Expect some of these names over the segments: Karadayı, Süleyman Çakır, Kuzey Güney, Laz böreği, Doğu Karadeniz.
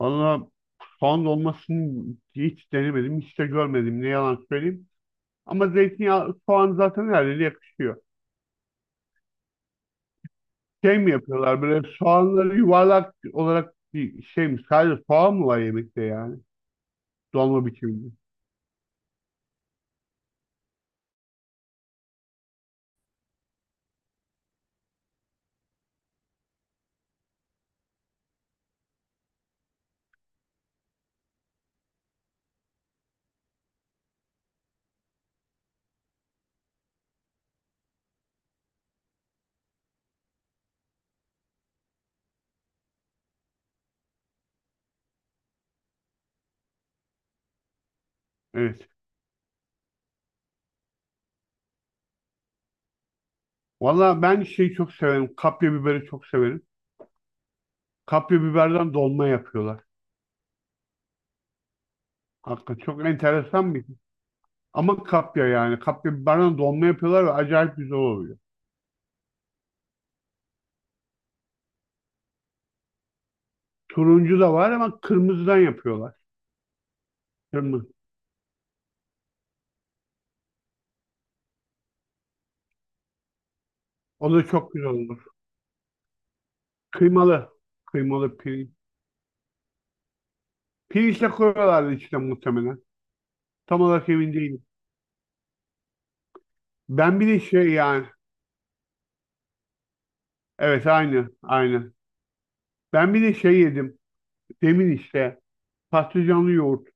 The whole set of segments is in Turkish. Valla soğan dolmasını hiç denemedim, hiç de görmedim. Ne yalan söyleyeyim. Ama zeytinyağı, soğan zaten her yere yakışıyor. Şey mi yapıyorlar böyle soğanları yuvarlak olarak bir şey mi? Sadece soğan mı var yemekte yani? Dolma biçiminde. Evet. Valla ben şeyi çok severim. Kapya biberi çok severim. Kapya biberden dolma yapıyorlar. Hakikaten çok enteresan bir şey. Ama kapya yani. Kapya biberden dolma yapıyorlar ve acayip güzel oluyor. Turuncu da var ama kırmızıdan yapıyorlar. Kırmızı. O da çok güzel olur. Kıymalı. Kıymalı pirinç. Pirinç de koyuyorlardı içine muhtemelen. Tam olarak emin değilim. Ben bir de şey yani. Evet, aynı. Aynı. Ben bir de şey yedim. Demin işte. Patlıcanlı yoğurt.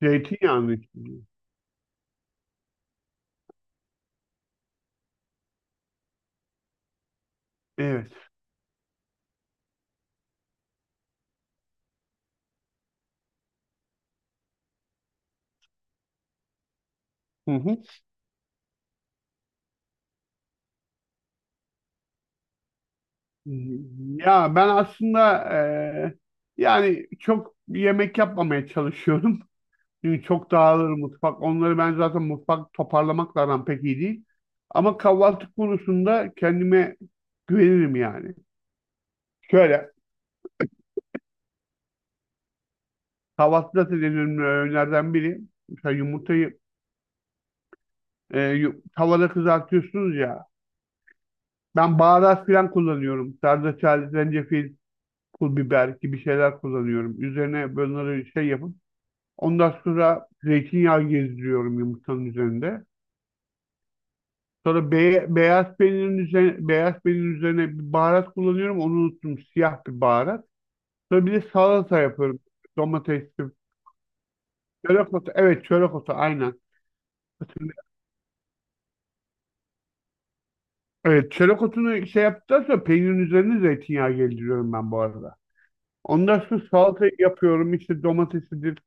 Zeytinyağlı içinde. Evet. Hı hı. Ya ben aslında yani çok yemek yapmamaya çalışıyorum. Çünkü çok dağılır mutfak. Onları ben zaten mutfak toparlamakla aram pek iyi değil. Ama kahvaltı konusunda kendime güvenirim yani. Şöyle, kahvaltıda da denediğim öğünlerden biri. Mesela yumurtayı tavada kızartıyorsunuz ya. Ben baharat falan kullanıyorum. Zerdeçal, zencefil, pul biber gibi şeyler kullanıyorum. Üzerine bunları şey yapıp ondan sonra zeytinyağı gezdiriyorum yumurtanın üzerinde. Sonra beyaz peynirin üzerine, beyaz peynirin üzerine bir baharat kullanıyorum. Onu unuttum. Siyah bir baharat. Sonra bir de salata yapıyorum. Domatesli. Çörek otu. Evet, çörek otu aynen. Evet, çörek otunu şey yaptıktan sonra peynirin üzerine zeytinyağı gezdiriyorum ben bu arada. Ondan sonra salata yapıyorum. İşte domatesidir,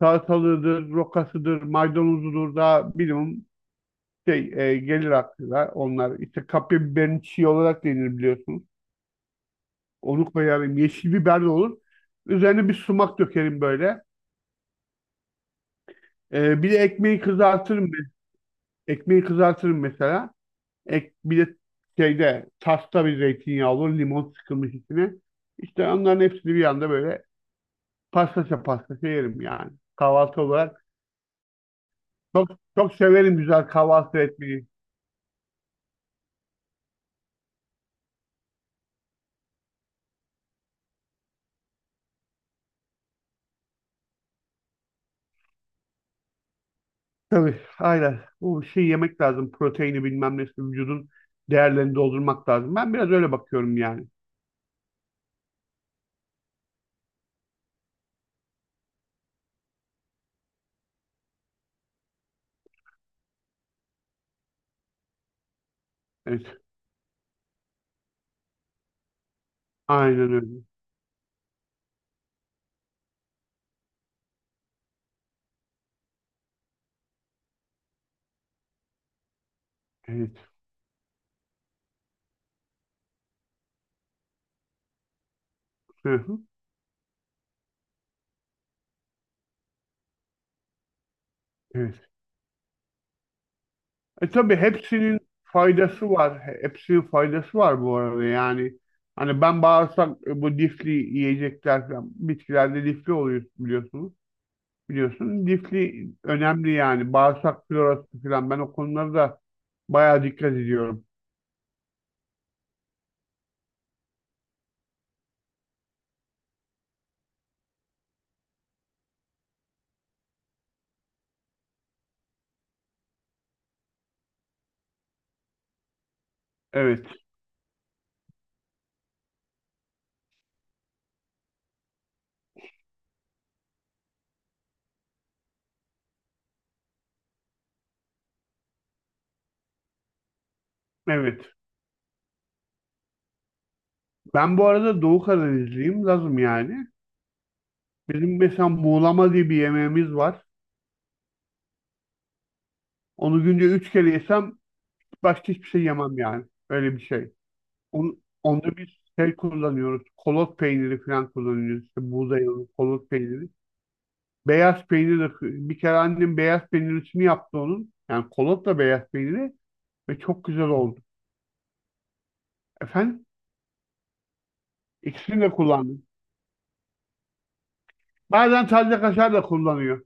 salatalığıdır, rokasıdır, maydanozudur da minimum şey gelir aklına onlar. İşte kapya biberin çiğ olarak denir biliyorsunuz. Onu koyarım. Yeşil biber de olur. Üzerine bir sumak dökerim böyle. E, bir de ekmeği kızartırım ben. Ekmeği kızartırım mesela. Bir de şeyde tasta bir zeytinyağı olur. Limon sıkılmış içine. İşte onların hepsini bir anda böyle pastaça pastaça yerim yani. Kahvaltı olarak. Çok, çok severim güzel kahvaltı etmeyi. Tabii aynen. Bu şey, yemek lazım. Proteini bilmem nesi. Vücudun değerlerini doldurmak lazım. Ben biraz öyle bakıyorum yani. Evet. Aynen öyle. Evet. Hı hı. Evet. E tabii, hepsinin faydası var. Hepsinin faydası var bu arada yani. Hani ben bağırsak, bu lifli yiyecekler falan. Bitkilerde lifli oluyor biliyorsunuz. Biliyorsun, lifli önemli yani. Bağırsak florası falan. Ben o konulara da bayağı dikkat ediyorum. Evet. Evet. Ben bu arada Doğu Karadenizliyim. Lazım yani. Bizim mesela muğlama diye bir yemeğimiz var. Onu günde 3 kere yesem başka hiçbir şey yemem yani. Öyle bir şey. Onda bir şey kullanıyoruz. Kolot peyniri falan kullanıyoruz. İşte buğday kolot peyniri. Beyaz peynir de, bir kere annem beyaz peynirisini yaptı onun. Yani kolotla beyaz peyniri ve çok güzel oldu. Efendim? İkisini de kullandım. Bazen taze kaşar da kullanıyor.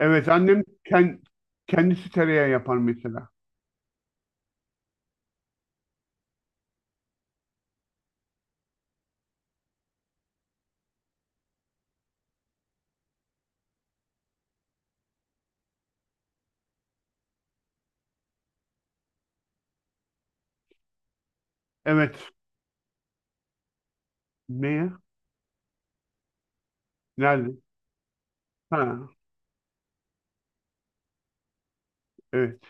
Evet, annem kendisi tereyağı yapar mesela. Evet. Ne ya? Nerede? Ha, evet.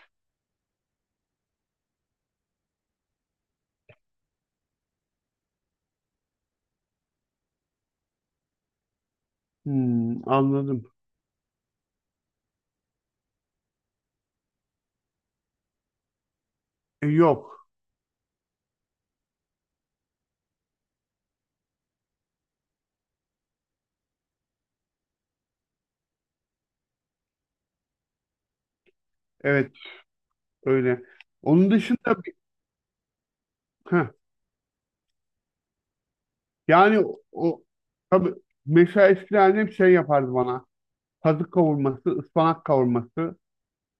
Hmm, anladım. E, yok. Evet, öyle. Onun dışında bir- Yani tabii, mesela eskiden annem şey yapardı bana. Kazık kavurması, ıspanak kavurması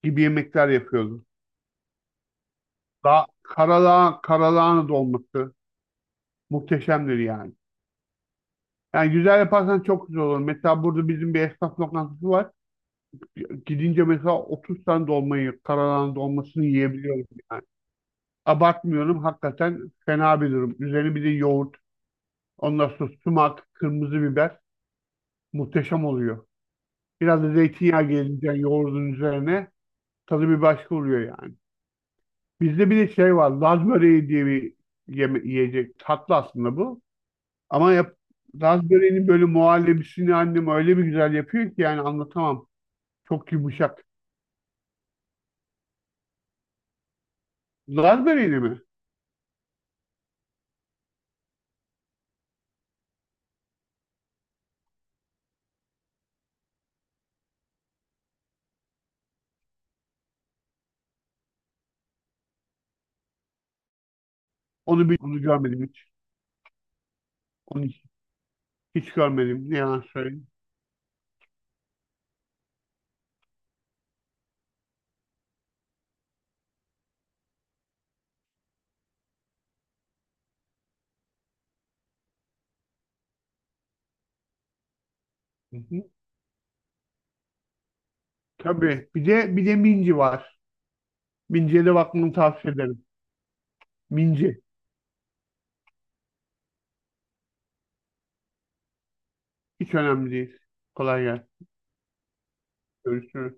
gibi yemekler yapıyordu. Daha karalağın dolması muhteşemdir yani. Yani güzel yaparsan çok güzel olur. Mesela burada bizim bir esnaf lokantası var. Gidince mesela 30 tane dolmayı, karalağın dolmasını yiyebiliyorum yani. Abartmıyorum, hakikaten fena bir durum. Üzerine bir de yoğurt, ondan sonra sumak, kırmızı biber muhteşem oluyor. Biraz da zeytinyağı gelince yoğurdun üzerine tadı bir başka oluyor yani. Bizde bir de şey var. Laz böreği diye bir yiyecek. Tatlı aslında bu. Ama yap, Laz böreğinin böyle muhallebisini annem öyle bir güzel yapıyor ki yani anlatamam. Çok yumuşak. Laz böreğini mi? Onu görmedim hiç. Onu hiç, hiç görmedim. Ne yalan söyleyeyim. Hı hı. Tabii. Bir de minci var. Minciye de bakmanı tavsiye ederim. Minci. Hiç önemli değil. Kolay gelsin. Görüşürüz.